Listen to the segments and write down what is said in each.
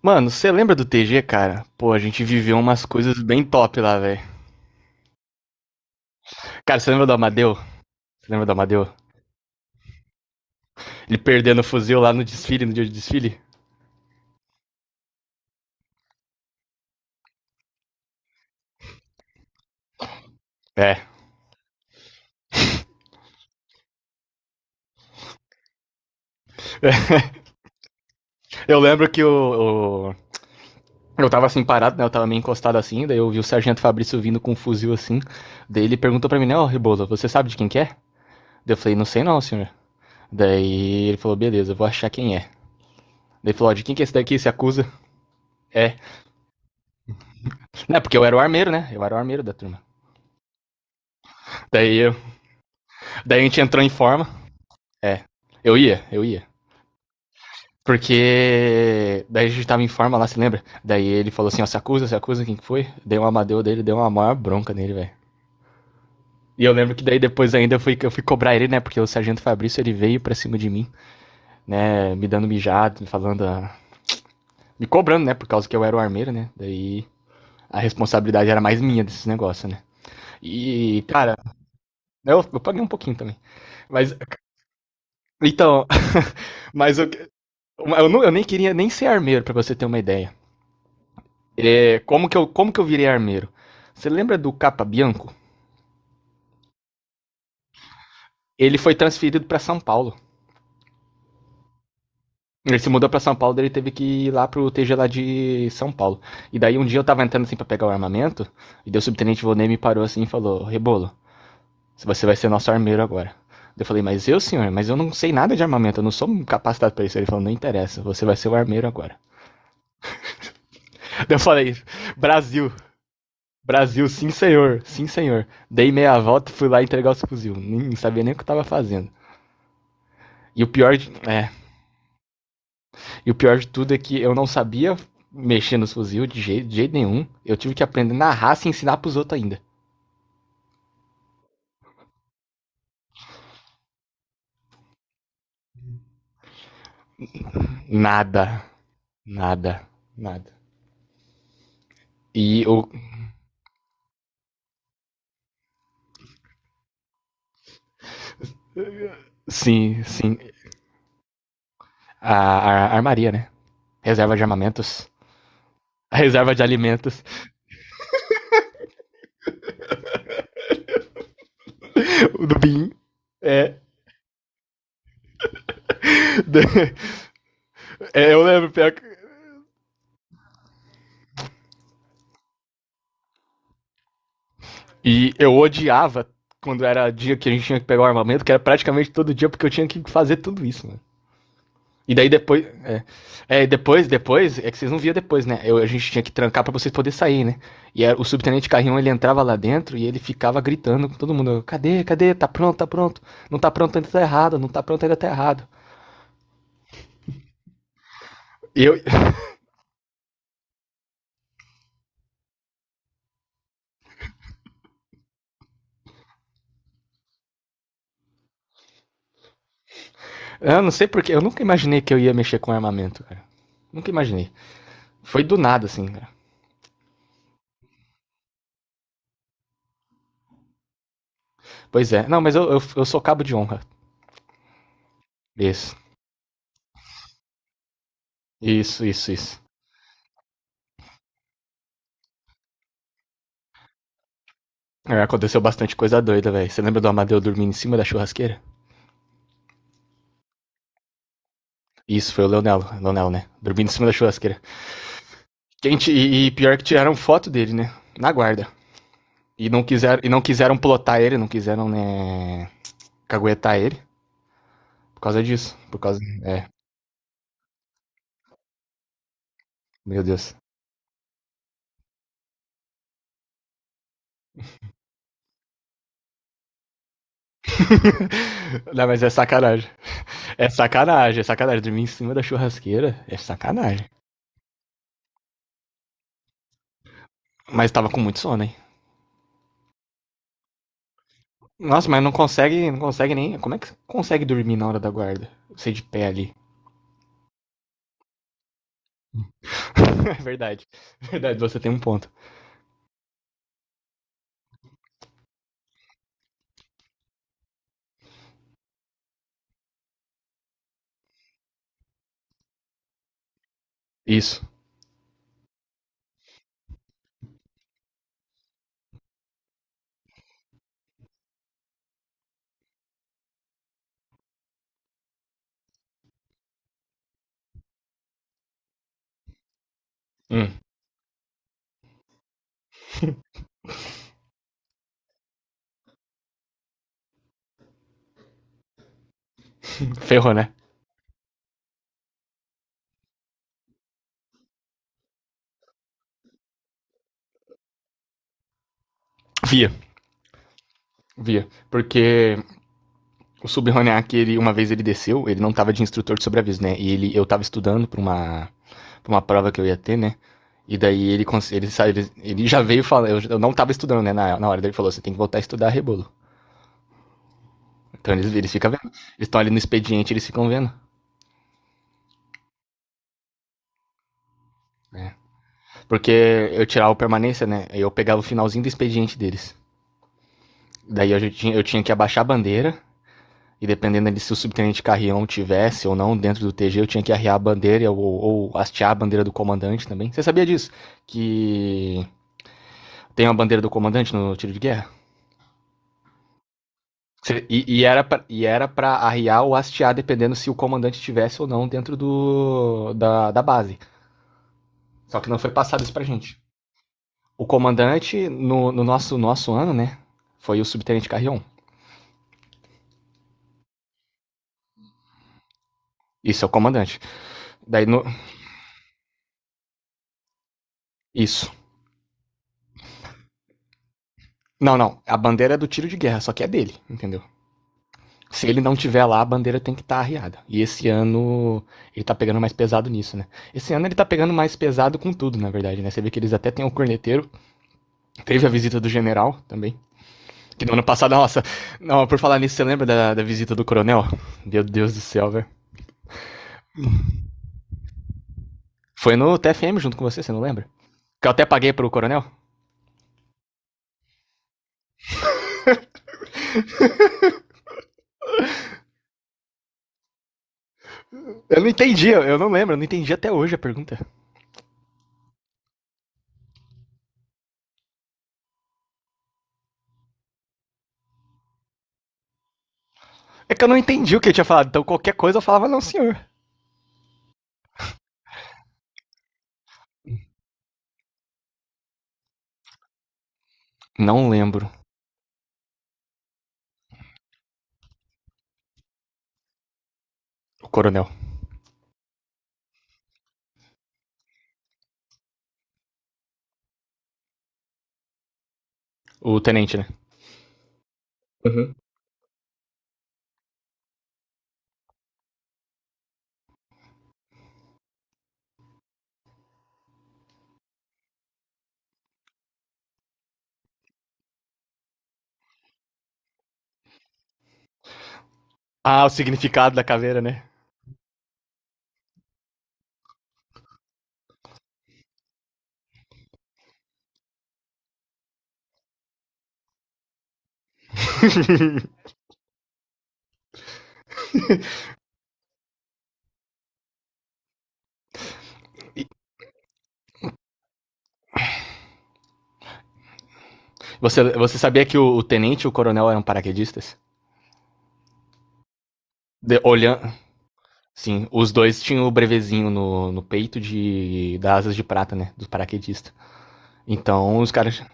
Mano, você lembra do TG, cara? Pô, a gente viveu umas coisas bem top lá, velho. Cara, você lembra do Amadeu? Você lembra do Amadeu? Ele perdendo o fuzil lá no desfile, no dia de desfile? É. Eu lembro que eu tava assim parado, né? Eu tava meio encostado assim, daí eu vi o Sargento Fabrício vindo com um fuzil assim. Daí ele perguntou pra mim, né, ó, Rebolo, você sabe de quem que é? Daí eu falei, não sei não, senhor. Daí ele falou, beleza, eu vou achar quem é. Daí falou, ó, de quem que é esse daqui? Se acusa? É. Não, porque eu era o armeiro, né? Eu era o armeiro da turma. Daí, eu, daí a gente entrou em forma. É. Eu ia, eu ia. Porque daí a gente tava em forma lá, se lembra? Daí ele falou assim, ó, se acusa, se acusa quem que foi. Dei uma amadeu dele, deu uma maior bronca nele, velho. E eu lembro que daí depois ainda eu fui cobrar ele, né? Porque o Sargento Fabrício, ele veio pra cima de mim, né? Me dando mijado, me falando, me cobrando, né? Por causa que eu era o armeiro, né? Daí a responsabilidade era mais minha desses negócios, né? E, cara, eu paguei um pouquinho também. Mas, então, mas eu nem queria nem ser armeiro, pra você ter uma ideia. É, como que eu virei armeiro? Você lembra do Capa Bianco? Ele foi transferido para São Paulo. Ele se mudou para São Paulo, daí ele teve que ir lá pro TG lá de São Paulo. E daí um dia eu tava entrando assim para pegar o armamento, e daí o subtenente Volney me parou assim e falou: "Rebolo, você vai ser nosso armeiro agora". Eu falei: "Mas eu, senhor, mas eu não sei nada de armamento, eu não sou capacitado para isso". Ele falou: "Não interessa, você vai ser o armeiro agora". Daí eu falei: "Brasil, Brasil, sim senhor, sim senhor". Dei meia volta e fui lá entregar os fuzil, nem sabia nem o que eu tava fazendo. E o pior de, é, e o pior de tudo é que eu não sabia mexer nos fuzil de jeito nenhum. Eu tive que aprender na raça e ensinar pros outros ainda. Nada. Nada. Nada. E o. Sim, sim. A armaria, né? Reserva de armamentos. A reserva de alimentos. O do BIM. É. É, eu lembro. E eu odiava quando era dia que a gente tinha que pegar o armamento, que era praticamente todo dia, porque eu tinha que fazer tudo isso, né? E daí depois. É que vocês não viam depois, né? A gente tinha que trancar para vocês poderem sair, né? O subtenente Carrião ele entrava lá dentro e ele ficava gritando com todo mundo: cadê, cadê? Tá pronto, tá pronto. Não tá pronto ainda tá errado, não tá pronto ainda tá errado. E eu, eu não sei porque, eu nunca imaginei que eu ia mexer com armamento, cara. Nunca imaginei. Foi do nada, assim, cara. Pois é. Não, mas eu sou cabo de honra. Isso, isso, isso, isso. É, aconteceu bastante coisa doida, velho. Você lembra do Amadeu dormindo em cima da churrasqueira? Isso, foi o Leonel, Leonel, né? Dormindo em cima da churrasqueira. Gente, e pior que tiraram foto dele, né? Na guarda. E não quiseram plotar ele, não quiseram, né, caguetar ele. Por causa disso. Por causa. É, meu Deus. Não, mas é sacanagem. É sacanagem, é sacanagem. Dormir em cima da churrasqueira é sacanagem. Mas tava com muito sono, hein? Nossa, mas não consegue, não consegue nem. Como é que você consegue dormir na hora da guarda? Você de pé ali. É verdade. É verdade, você tem um ponto. Isso. Hum. Ferrou, né? Via, via. Porque o Subhoniak, ele, uma vez ele desceu, ele não tava de instrutor de sobreaviso, né? Eu tava estudando pra uma, prova que eu ia ter, né? E daí ele já veio falando, eu não tava estudando, né? Na hora daí ele falou, você tem que voltar a estudar rebolo. Então eles ficam vendo. Eles estão ali no expediente, eles ficam vendo. Porque eu tirava o permanência, né? Eu pegava o finalzinho do expediente deles. Daí eu tinha que abaixar a bandeira, e dependendo de se o subtenente Carrião tivesse ou não dentro do TG, eu tinha que arriar a bandeira ou hastear a bandeira do comandante também. Você sabia disso? Que tem uma bandeira do comandante no tiro de guerra? E era pra arriar ou hastear dependendo se o comandante tivesse ou não dentro da base. Só que não foi passado isso pra gente. O comandante, no nosso ano, né? Foi o subtenente Carrion. Isso é o comandante. Daí no. Isso. Não, não. A bandeira é do tiro de guerra, só que é dele, entendeu? Se ele não tiver lá, a bandeira tem que estar arriada. E esse ano ele tá pegando mais pesado nisso, né? Esse ano ele tá pegando mais pesado com tudo, na verdade, né? Você vê que eles até têm o corneteiro. Teve a visita do general também. Que no ano passado, nossa. Não, por falar nisso, você lembra da visita do coronel? Meu Deus do céu, velho. Foi no TFM junto com você, você não lembra? Que eu até paguei pro coronel? Eu não entendi, eu não lembro, eu não entendi até hoje a pergunta. É que eu não entendi o que ele tinha falado, então qualquer coisa eu falava, não, senhor. Não lembro. O coronel. O tenente, né? Uhum. Ah, o significado da caveira, né? Você sabia que o tenente e o coronel eram paraquedistas? De, olhando. Sim, os dois tinham o brevezinho no peito de das asas de prata, né? Dos paraquedistas. Então, os caras.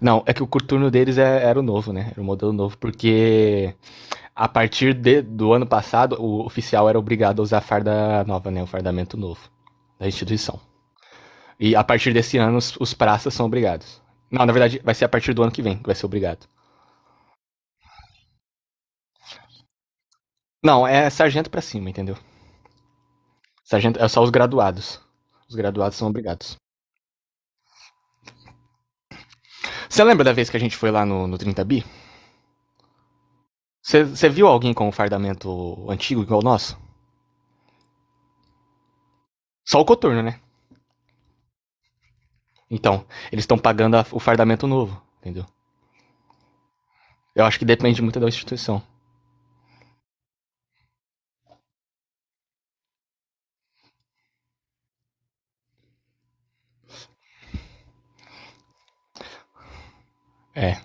Não, é que o turno deles era o novo, né? Era o modelo novo, porque a partir do ano passado, o oficial era obrigado a usar a farda nova, né? O fardamento novo da instituição. E a partir desse ano, os praças são obrigados. Não, na verdade, vai ser a partir do ano que vem que vai ser obrigado. Não, é sargento pra cima, entendeu? Sargento é só os graduados. Os graduados são obrigados. Você lembra da vez que a gente foi lá no 30 Bi? Você viu alguém com um fardamento antigo igual o nosso? Só o coturno, né? Então, eles estão pagando o fardamento novo, entendeu? Eu acho que depende muito da instituição. É.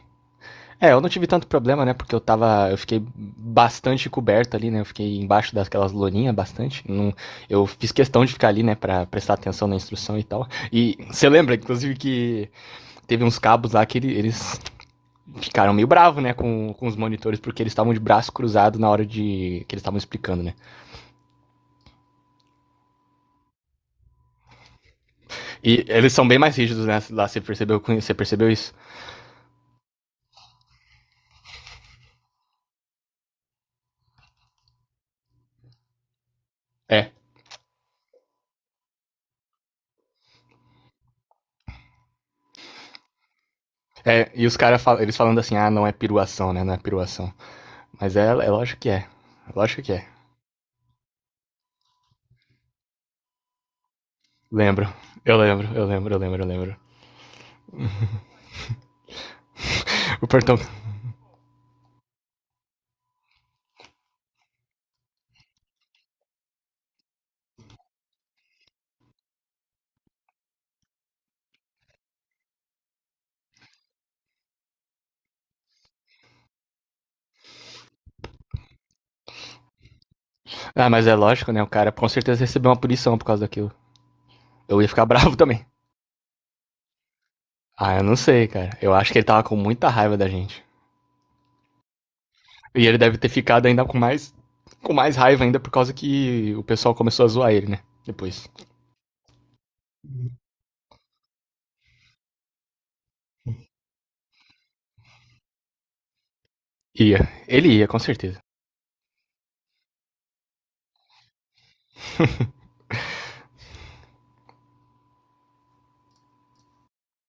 É, eu não tive tanto problema, né? Porque eu tava. Eu fiquei bastante coberto ali, né? Eu fiquei embaixo daquelas loninhas bastante. Não, eu fiz questão de ficar ali, né? Pra prestar atenção na instrução e tal. E você lembra, inclusive, que teve uns cabos lá que eles ficaram meio bravos, né, com os monitores, porque eles estavam de braço cruzado na hora de. Que eles estavam explicando, né. E eles são bem mais rígidos, né? Lá você percebeu isso? É. É e eles falando assim, ah, não é piruação, né? Não é piruação. Mas é lógico que é. Lógico que é. Lembro. Eu lembro, eu lembro, eu lembro, eu lembro. O portão. Ah, mas é lógico, né? O cara com certeza recebeu uma punição por causa daquilo. Eu ia ficar bravo também. Ah, eu não sei, cara. Eu acho que ele tava com muita raiva da gente. E ele deve ter ficado ainda com mais raiva ainda por causa que o pessoal começou a zoar ele, né? Depois. Ia. Ele ia, com certeza.